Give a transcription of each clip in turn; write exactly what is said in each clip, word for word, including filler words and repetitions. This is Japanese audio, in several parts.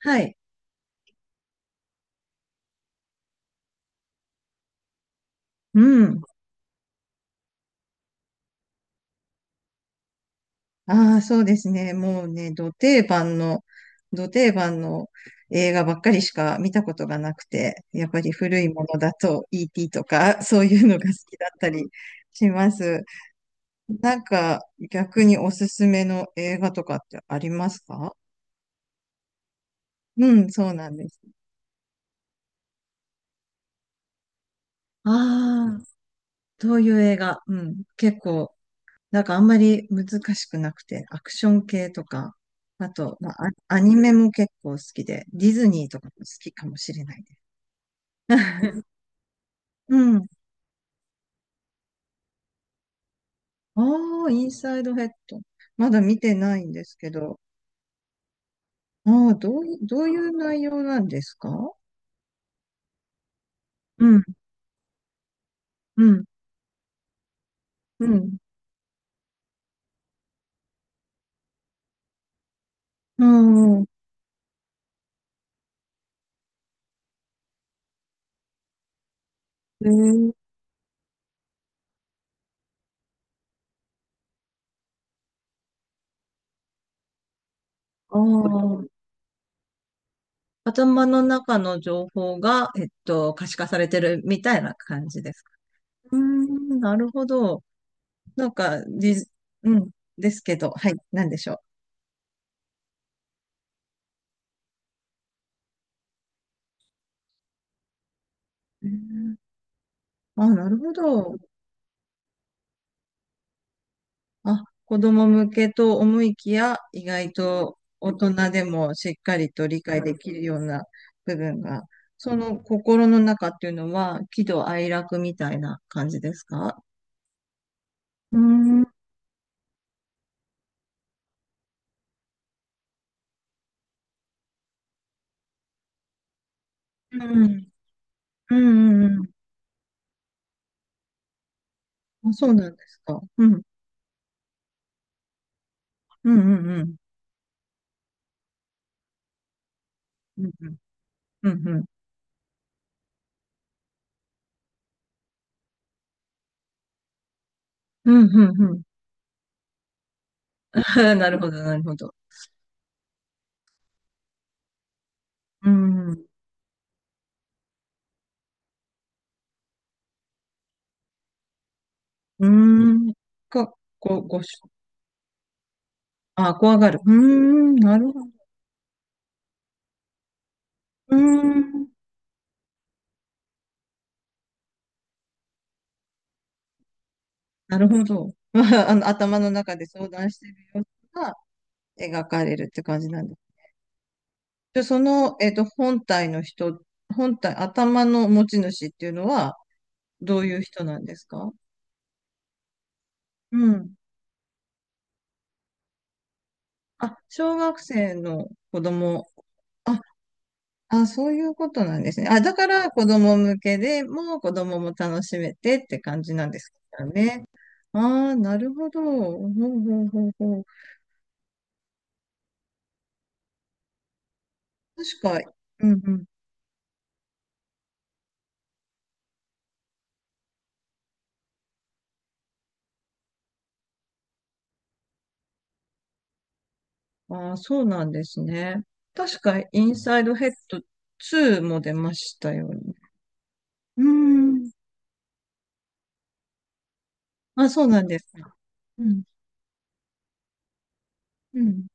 はい。うん。ああ、そうですね。もうね、ど定番の、ど定番の映画ばっかりしか見たことがなくて、やっぱり古いものだと イーティー とか、そういうのが好きだったりします。なんか、逆におすすめの映画とかってありますか？うん、そうなんです。ああ、どういう映画？うん、結構なんかあんまり難しくなくて、アクション系とか、あと、まあ、アアニメも結構好きで、ディズニーとかも好きかもしれないです。うん。ああ、インサイドヘッド。まだ見てないんですけど、ああ、どうい、どういう内容なんですか？うん、うん、うん、うん。えー、ああ、頭の中の情報が、えっと、可視化されてるみたいな感じですか。うーん、なるほど。なんか、じ、うん、ですけど、はい、なんでしょう。へー。あ、なるほど。あ、子供向けと思いきや、意外と大人でもしっかりと理解できるような部分が、その心の中っていうのは、喜怒哀楽みたいな感じですか？うーん、うん、うん、うん、うん。あ、そうなんですか。うん、うん、うん、うん、うん、うん、うん、うん、うん。うん、 なるほど、なるほど。うん。うーん。か、こ、ごし、あ、怖がる。うーん、なるほど。うーん、なるほど。まあ、あの、頭の中で相談している様子が描かれるって感じなんです。で、その、えっと、本体の人、本体、頭の持ち主っていうのは、どういう人なんですか？うん。あ、小学生の子供。あ、そういうことなんですね。あ、だから子供向けでもう子供も楽しめてって感じなんですかね。ああ、なるほど。ほうほうほうほう。確か、うんうん。ああ、そうなんですね。確か、インサイドヘッドにも出ましたよね。うーん。あ、そうなんですか。うん。うん。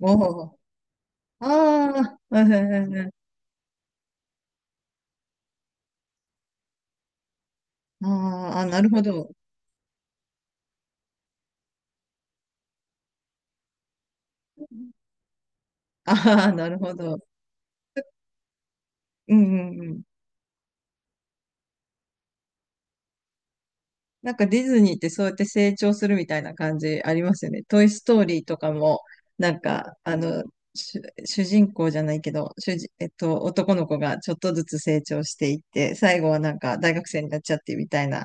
おお。ああ、うんうんうんうん。あーあ、なるほど。ああ、なるほど。うんうんうん。なんかディズニーってそうやって成長するみたいな感じありますよね。トイ・ストーリーとかも、なんか、あの、主、主人公じゃないけど、主人、えっと、男の子がちょっとずつ成長していって、最後はなんか大学生になっちゃってみたいな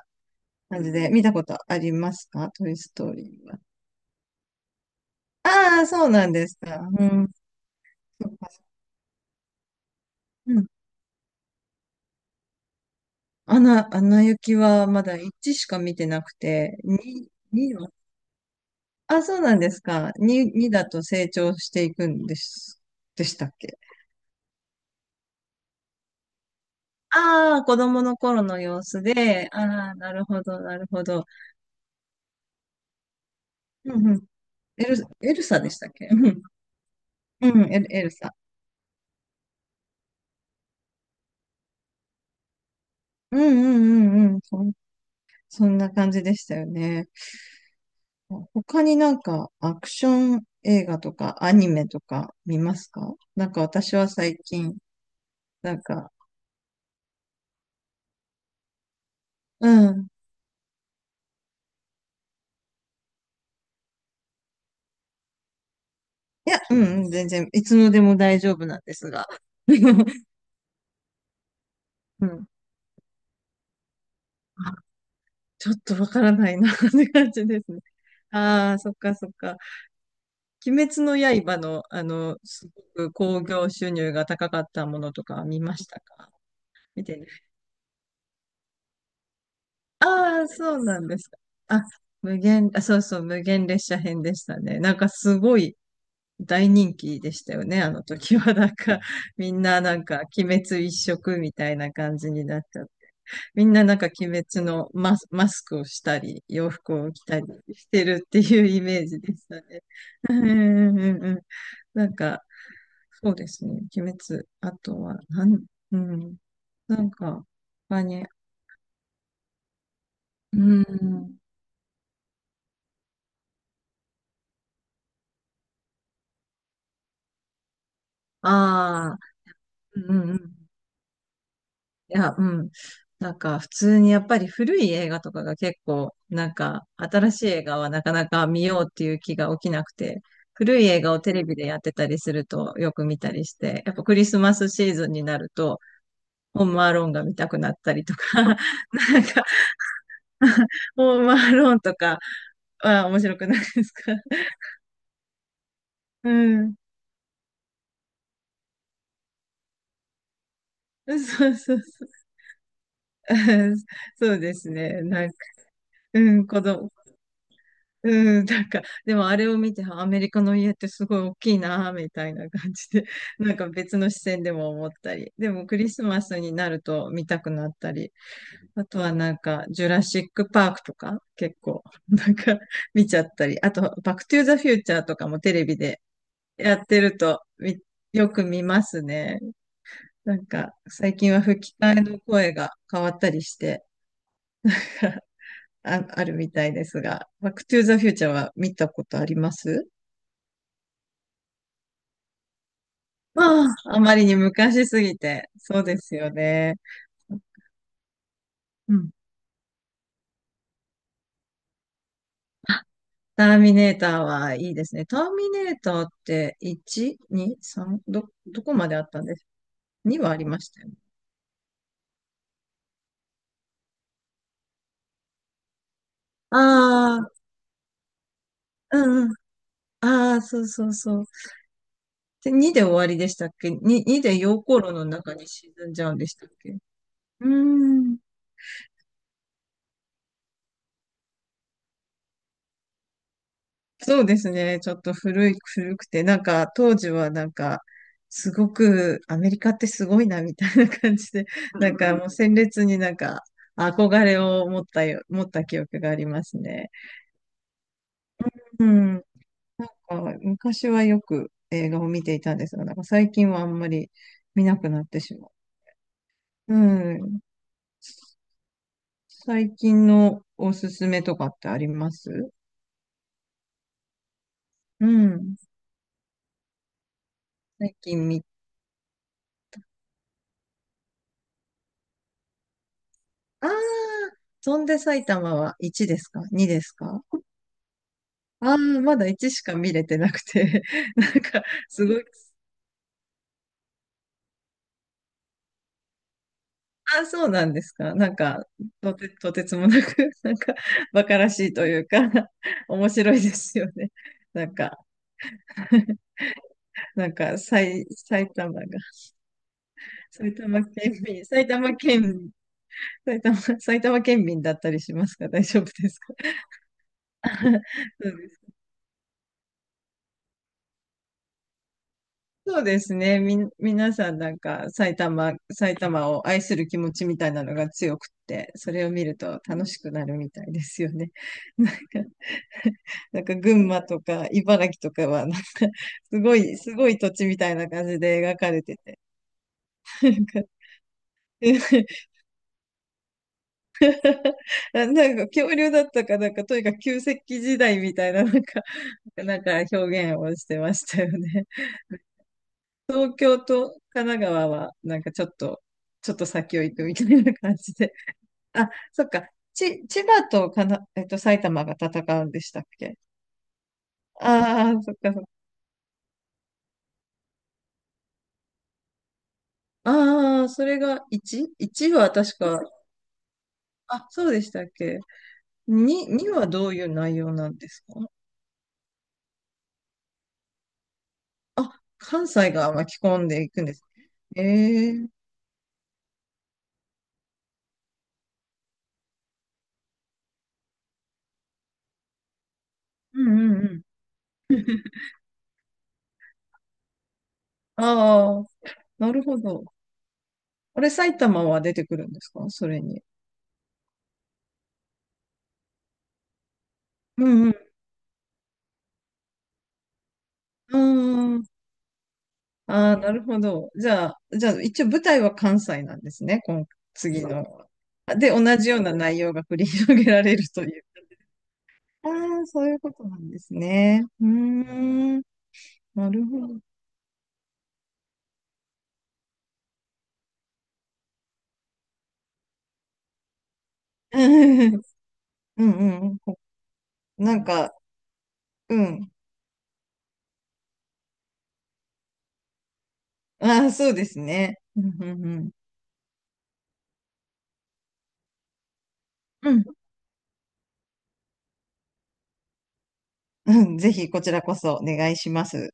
感じで、見たことありますか？トイ・ストーリーは。ああ、そうなんですか。うん。そっか。うん。アナ、アナ雪はまだいちしか見てなくて、に、には、あ、そうなんですか。に、にだと成長していくんです、でしたっけ？ああ、子供の頃の様子で、ああ、なるほど、なるほど。うんうん。エル、エルサでしたっけ？うん。うん、エル、エルサ。うんうんうんうん。そん、そんな感じでしたよね。他になんかアクション映画とかアニメとか見ますか？なんか私は最近、なんか、うん。いや、うんうん、全然、いつのでも大丈夫なんですが。うん。あ、ちょっとわからないなって感じですね。ああ、そっかそっか。鬼滅の刃の、あの、すごく興行収入が高かったものとか見ましたか？見てない。ああ、そうなんですか。あ、無限、あ、そうそう、無限列車編でしたね。なんかすごい大人気でしたよね。あの時は、なんか、みんななんか、鬼滅一色みたいな感じになっちゃって、みんななんか鬼滅のマス、マスクをしたり、洋服を着たりしてるっていうイメージでしたね。うんうんうんうん。なんか、そうですね。鬼滅。あとは、なん、うん。なんか、他に、うん。ああ、うんうんうん。いや、うん。なんか、普通にやっぱり古い映画とかが結構、なんか、新しい映画はなかなか見ようっていう気が起きなくて、古い映画をテレビでやってたりするとよく見たりして、やっぱクリスマスシーズンになると、ホームアローンが見たくなったりとか、なんか、ホームアローンとか、あ、面白くないですか？うん。そうそうそう。うん。そうですね。なんか、うん、子供、うん、なんか、でもあれを見て、あアメリカの家ってすごい大きいな、みたいな感じで、なんか別の視線でも思ったり、でもクリスマスになると見たくなったり、あとはなんか、ジュラシックパークとか、結構、なんか見ちゃったり、あと、バックトゥーザフューチャーとかもテレビでやってると、みよく見ますね。なんか、最近は吹き替えの声が変わったりして、あ、あるみたいですが、バックトゥーザフューチャーは見たことあります？ああ、あまりに昔すぎて。そうですよね。うん。あ、ターミネーターはいいですね。ターミネーターっていち、に、さん、ど、どこまであったんです？にはありましたよね。ああ、うんうん。ああ、そうそうそう。で、にで終わりでしたっけ？ に、にで溶鉱炉の中に沈んじゃうんでしたっけ？うーん。そうですね。ちょっと古い、古くて、なんか当時はなんか、すごくアメリカってすごいなみたいな感じで、なんかもう鮮烈になんか憧れを持ったよ、持った記憶がありますね。うん。なんか昔はよく映画を見ていたんですが、なんか最近はあんまり見なくなってしまう。うん。最近のおすすめとかってあります？うん。最近見、ああ、翔んで埼玉はいちですか？ に ですか？ああ、まだいちしか見れてなくて、なんか、すごい、あ、そうなんですか。なんか、とて、とてつもなく、なんか、馬鹿らしいというか、面白いですよね。なんか、なんか、埼、埼玉が、埼玉県民、埼玉県、埼玉、埼玉県民だったりしますか？大丈夫ですか？ そうです。 そうですね。みん、皆さんなんか埼玉、埼玉を愛する気持ちみたいなのが強くって、それを見ると楽しくなるみたいですよね。なんか、なんか群馬とか茨城とかはなんかすごい、すごい土地みたいな感じで描かれてて。なんか、 あ、なんか恐竜だったかなんかとにかく旧石器時代みたいななんか、なんか表現をしてましたよね。東京と神奈川はなんかちょっとちょっと先を行くみたいな感じで。あ、そっか。ち、千葉とかな、えっと、埼玉が戦うんでしたっけ？ああー、そっかそっか。ああ、それが いち?いち は確か、あ、そうでしたっけ？ に、にはどういう内容なんですか？あ、関西が巻き込んでいくんです。ええ。うんうんうん。ああ、なるほど。あれ、埼玉は出てくるんですか？それに。うんうん。ああ、なるほど。じゃあ、じゃあ、一応舞台は関西なんですね、今、次の。あで、同じような内容が繰り広げられるという。ああ、そういうことなんですね。うーん、なるほど。うんうんうん。なんか、うん。ああ、そうですね。うんうんうん。うん、うん、ぜひこちらこそお願いします。